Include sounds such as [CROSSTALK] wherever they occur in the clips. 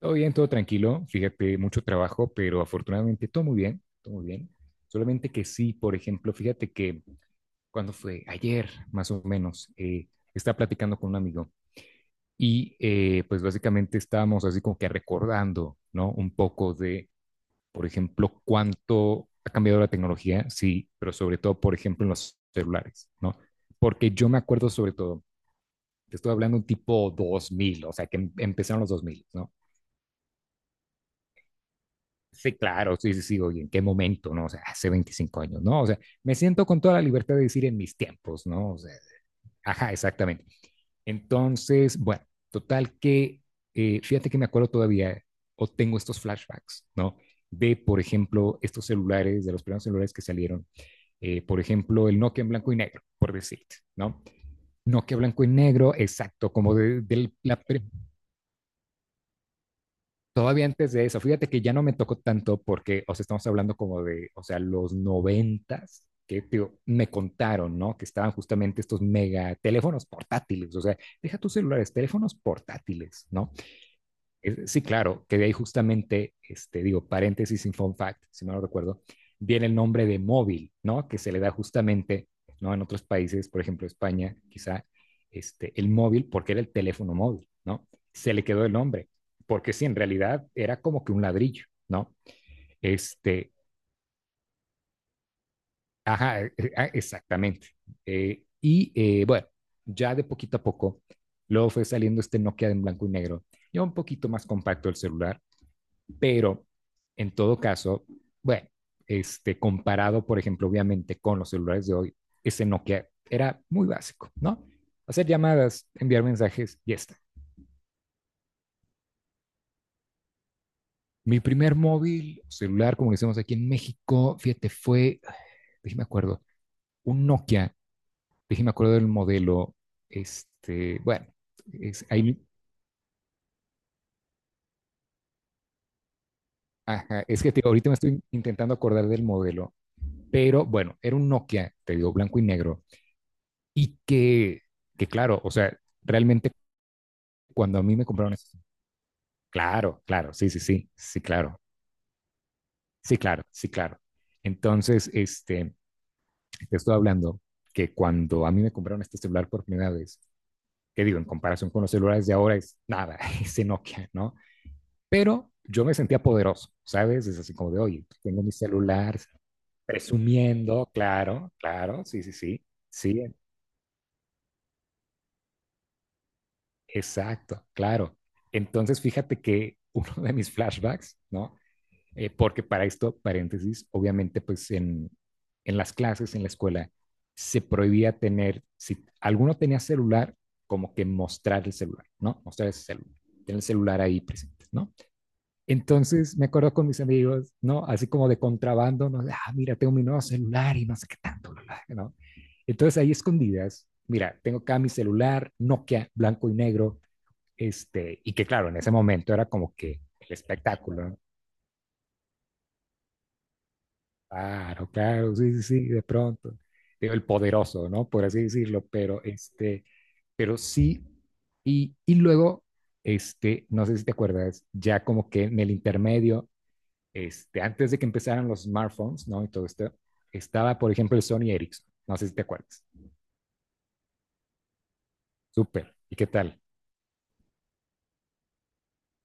Todo bien, todo tranquilo. Fíjate, mucho trabajo, pero afortunadamente todo muy bien, todo muy bien. Solamente que sí, por ejemplo, fíjate que cuando fue ayer, más o menos, estaba platicando con un amigo y pues básicamente estábamos así como que recordando, ¿no? Un poco de, por ejemplo, cuánto ha cambiado la tecnología, sí, pero sobre todo, por ejemplo, en los celulares, ¿no? Porque yo me acuerdo sobre todo, te estoy hablando tipo 2000, o sea, que empezaron los 2000, ¿no? Sí, claro, sí, sí, sí, oye, ¿en qué momento, no? O sea, hace 25 años, ¿no? O sea, me siento con toda la libertad de decir en mis tiempos, ¿no? O sea, ajá, exactamente. Entonces, bueno, total que, fíjate que me acuerdo todavía, o tengo estos flashbacks, ¿no? De, por ejemplo, estos celulares, de los primeros celulares que salieron, por ejemplo, el Nokia en blanco y negro, por decirte, ¿no? Nokia blanco y negro, exacto, como de la. Todavía antes de eso, fíjate que ya no me tocó tanto porque, o sea, estamos hablando como de, o sea, los noventas, que digo, me contaron, ¿no? Que estaban justamente estos mega teléfonos portátiles, o sea, deja tus celulares, teléfonos portátiles, ¿no? Sí, claro, que de ahí justamente, este, digo, paréntesis sin fun fact, si no lo recuerdo, viene el nombre de móvil, ¿no? Que se le da justamente, ¿no? En otros países, por ejemplo, España, quizá, este, el móvil, porque era el teléfono móvil, ¿no? Se le quedó el nombre, porque sí, en realidad era como que un ladrillo, ¿no? Este, ajá, exactamente. Y bueno, ya de poquito a poco, luego fue saliendo este Nokia en blanco y negro, ya un poquito más compacto el celular. Pero en todo caso, bueno, este, comparado, por ejemplo, obviamente con los celulares de hoy, ese Nokia era muy básico, ¿no? Hacer llamadas, enviar mensajes y ya está. Mi primer móvil celular, como decimos aquí en México, fíjate, fue, déjeme acuerdo, un Nokia, déjeme acuerdo del modelo, este, bueno, es, ahí, ajá, es que te, ahorita me estoy intentando acordar del modelo, pero bueno, era un Nokia, te digo, blanco y negro. Y que claro, o sea, realmente cuando a mí me compraron eso, claro, claro, sí, sí, sí, sí, claro, sí, claro, sí, claro. Entonces, este, te estoy hablando que cuando a mí me compraron este celular por primera vez, que digo, en comparación con los celulares de ahora es nada, [LAUGHS] ese Nokia, ¿no? Pero yo me sentía poderoso, ¿sabes? Es así como de, oye, tengo mi celular, presumiendo, claro, claro, sí, sí, sí, sí, exacto, claro. Entonces, fíjate que [LAUGHS] uno de mis flashbacks, ¿no? Porque para esto, paréntesis, obviamente, pues en las clases, en la escuela, se prohibía tener, si alguno tenía celular, como que mostrar el celular, ¿no? Mostrar ese celular, tener el celular ahí presente, ¿no? Entonces me acuerdo con mis amigos, ¿no? Así como de contrabando, ¿no? Ah, mira, tengo mi nuevo celular y no sé qué tanto, bla, bla, ¿no? Entonces ahí escondidas, mira, tengo acá mi celular Nokia, blanco y negro, este, y que claro, en ese momento era como que el espectáculo, ¿no? Claro, claro, sí, sí, sí, de pronto. Digo, el poderoso, ¿no? Por así decirlo, pero este, pero sí, y luego, este, no sé si te acuerdas, ya como que en el intermedio, este, antes de que empezaran los smartphones, ¿no? Y todo esto, estaba, por ejemplo, el Sony Ericsson, no sé si te acuerdas. Súper, ¿y qué tal?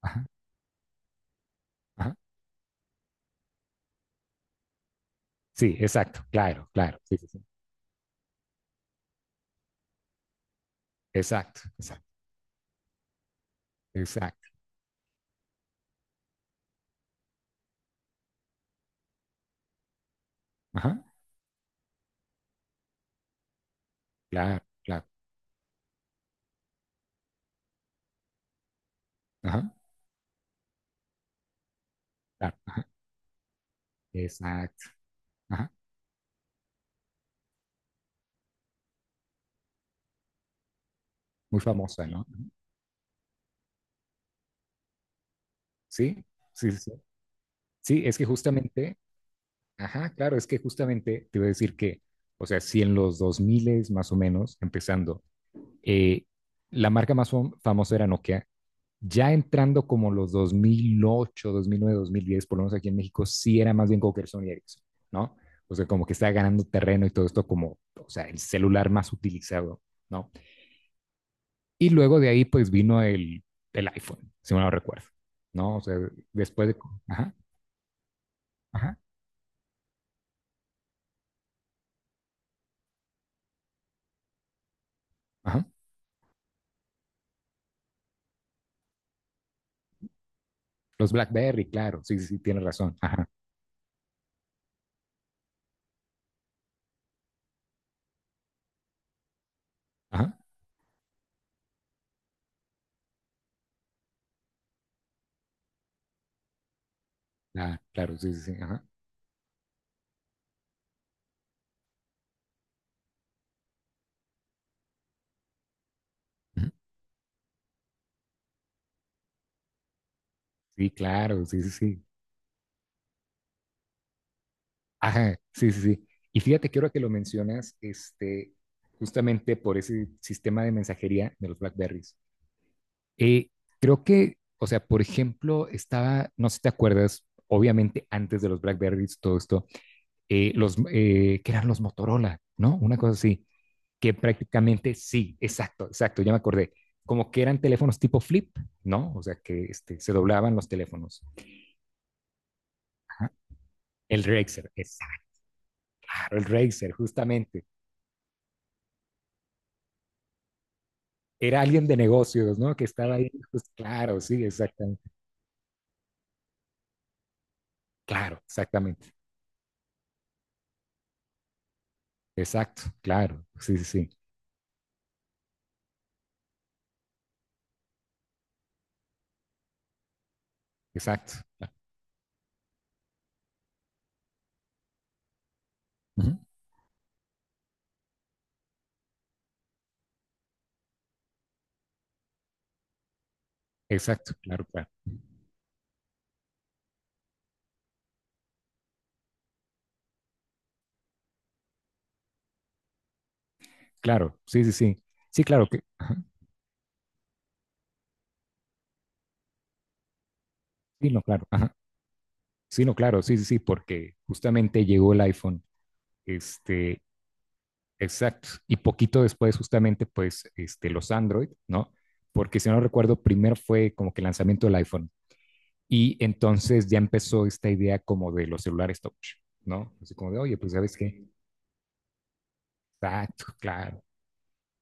Ajá, ajá. Sí, exacto, claro, claro, sí, sí, sí. Exacto, exacto, exacto, ajá, claro. Claro. Ajá, claro, ajá, exacto, ajá, muy famosa, ¿no? Sí, sí, sí, sí, sí, es que justamente, ajá, claro, es que justamente te voy a decir que, o sea, si en los 2000 más o menos, empezando, eh, la marca más famosa era Nokia, ya entrando como los dos mil ocho, 2009, 2010, por lo menos aquí en México, sí era más bien como que Sony Ericsson, ¿no? O sea, como que está ganando terreno y todo esto como, o sea, el celular más utilizado, ¿no? Y luego de ahí, pues vino el iPhone, si no lo recuerdo, ¿no? O sea, después de. Ajá, ajá, ajá. Los BlackBerry, claro, sí, sí, sí, tienes razón. Ajá, ajá, ah, claro, sí, sí, sí, ajá, ujú, sí, claro, sí, sí, sí. Ajá, sí, sí, sí. Y fíjate que ahora que lo mencionas, este, justamente por ese sistema de mensajería de los BlackBerries, eh, creo que, o sea, por ejemplo, estaba, no sé si te acuerdas, obviamente antes de los BlackBerries, todo esto, que eran los Motorola, ¿no? Una cosa así, que prácticamente sí, exacto, exacto, ya me acordé, como que eran teléfonos tipo flip, ¿no? O sea, que este, se doblaban los teléfonos. Ajá. El Razer, exacto, claro, el Razer, justamente. Era alguien de negocios, ¿no? Que estaba ahí, pues, claro, sí, exactamente, claro, exactamente, exacto, claro, sí, sí, sí, exacto, ah, ujú, exacto, claro, claro, claro, sí, sí, sí, sí, claro que, ajá, sí, no, claro, ajá. Sí, no, claro, sí, sí, sí, porque justamente llegó el iPhone, este, exacto, y poquito después justamente, pues, este, los Android, ¿no? Porque si no recuerdo, primero fue como que el lanzamiento del iPhone y entonces ya empezó esta idea como de los celulares touch, ¿no? Así como de, oye, pues, ¿sabes qué? Exacto, claro,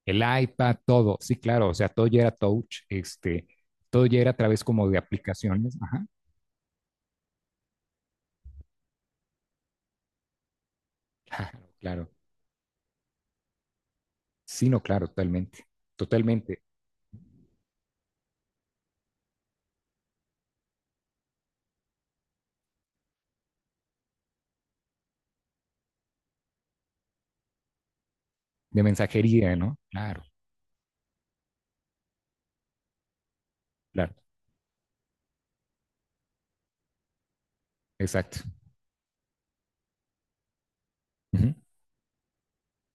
el iPad, todo, sí, claro, o sea, todo ya era touch, este, todo ya era a través como de aplicaciones, ajá, [LAUGHS] claro, claro, sí, no, claro, totalmente, totalmente, de mensajería, ¿no? Claro. Claro, exacto. Ujú.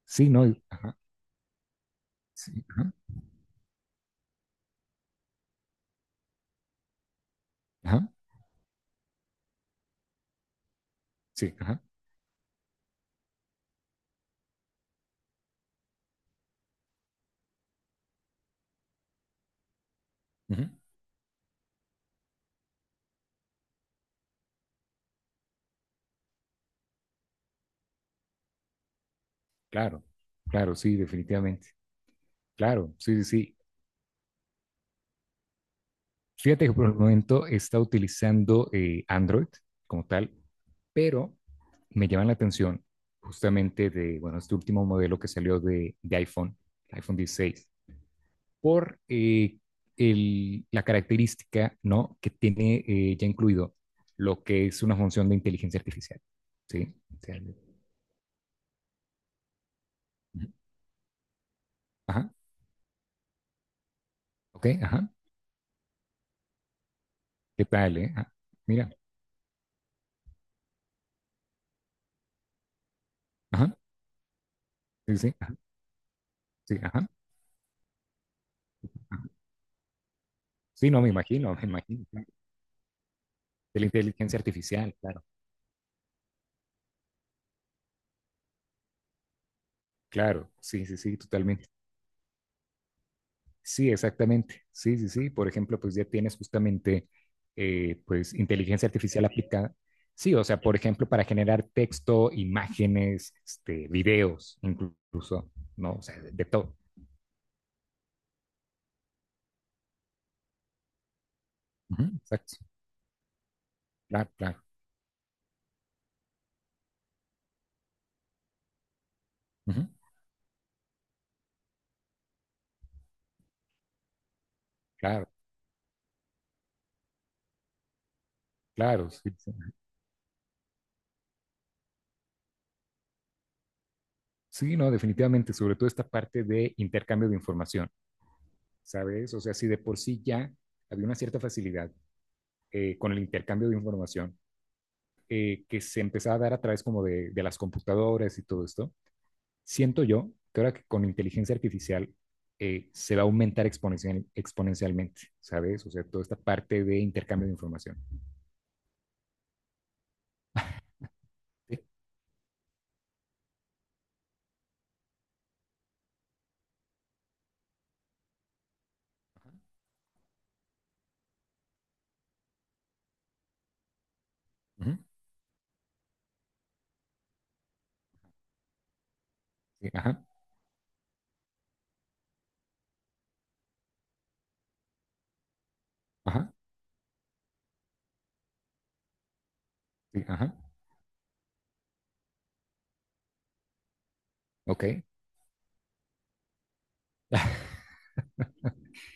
Sí, no, ajá, sí, ajá, ajá, sí, ajá, ujú. Claro, claro, sí, definitivamente. Claro, sí, sí, sí. Fíjate que por el momento está utilizando Android como tal, pero me llama la atención justamente de, bueno, este último modelo que salió de iPhone, iPhone 16, por la característica, ¿no? Que tiene ya incluido lo que es una función de inteligencia artificial, ¿sí? O sea, ujú. Ajá. Ok, ajá. ¿Qué tal, eh? Ah, mira, ajá. Sí, sí, ajá. Sí, ajá, ajá. Sí, no, me imagino, me imagino, claro. De la inteligencia artificial, claro. Claro, sí, sí, sí, totalmente. Sí, exactamente. Sí, sí, sí. Por ejemplo, pues ya tienes justamente, pues, inteligencia artificial aplicada. Sí, o sea, por ejemplo, para generar texto, imágenes, este, videos, incluso, ¿no? O sea, de todo. Ujú, exacto. Claro, claro. Ujú, claro, claro. Sí, sí. Sí, no, definitivamente, sobre todo esta parte de intercambio de información, ¿sabes? O sea, si de por sí ya había una cierta facilidad con el intercambio de información que se empezaba a dar a través como de las computadoras y todo esto, siento yo que ahora que con inteligencia artificial se va a aumentar exponencialmente, ¿sabes? O sea, toda esta parte de intercambio de información. Sí, ujú, sí, ajá, ajá, sí, ajá, ok. [LAUGHS]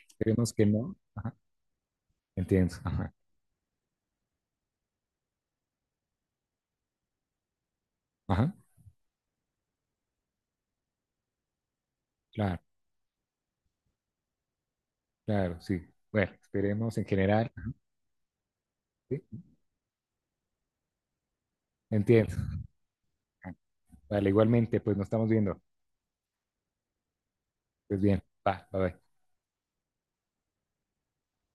Esperemos que no. Ajá, entiendo. Ajá, ajá, claro. Claro, sí. Bueno, esperemos en general. ¿Sí? Entiendo. Vale, igualmente, pues nos estamos viendo. Pues bien, va, bye bye.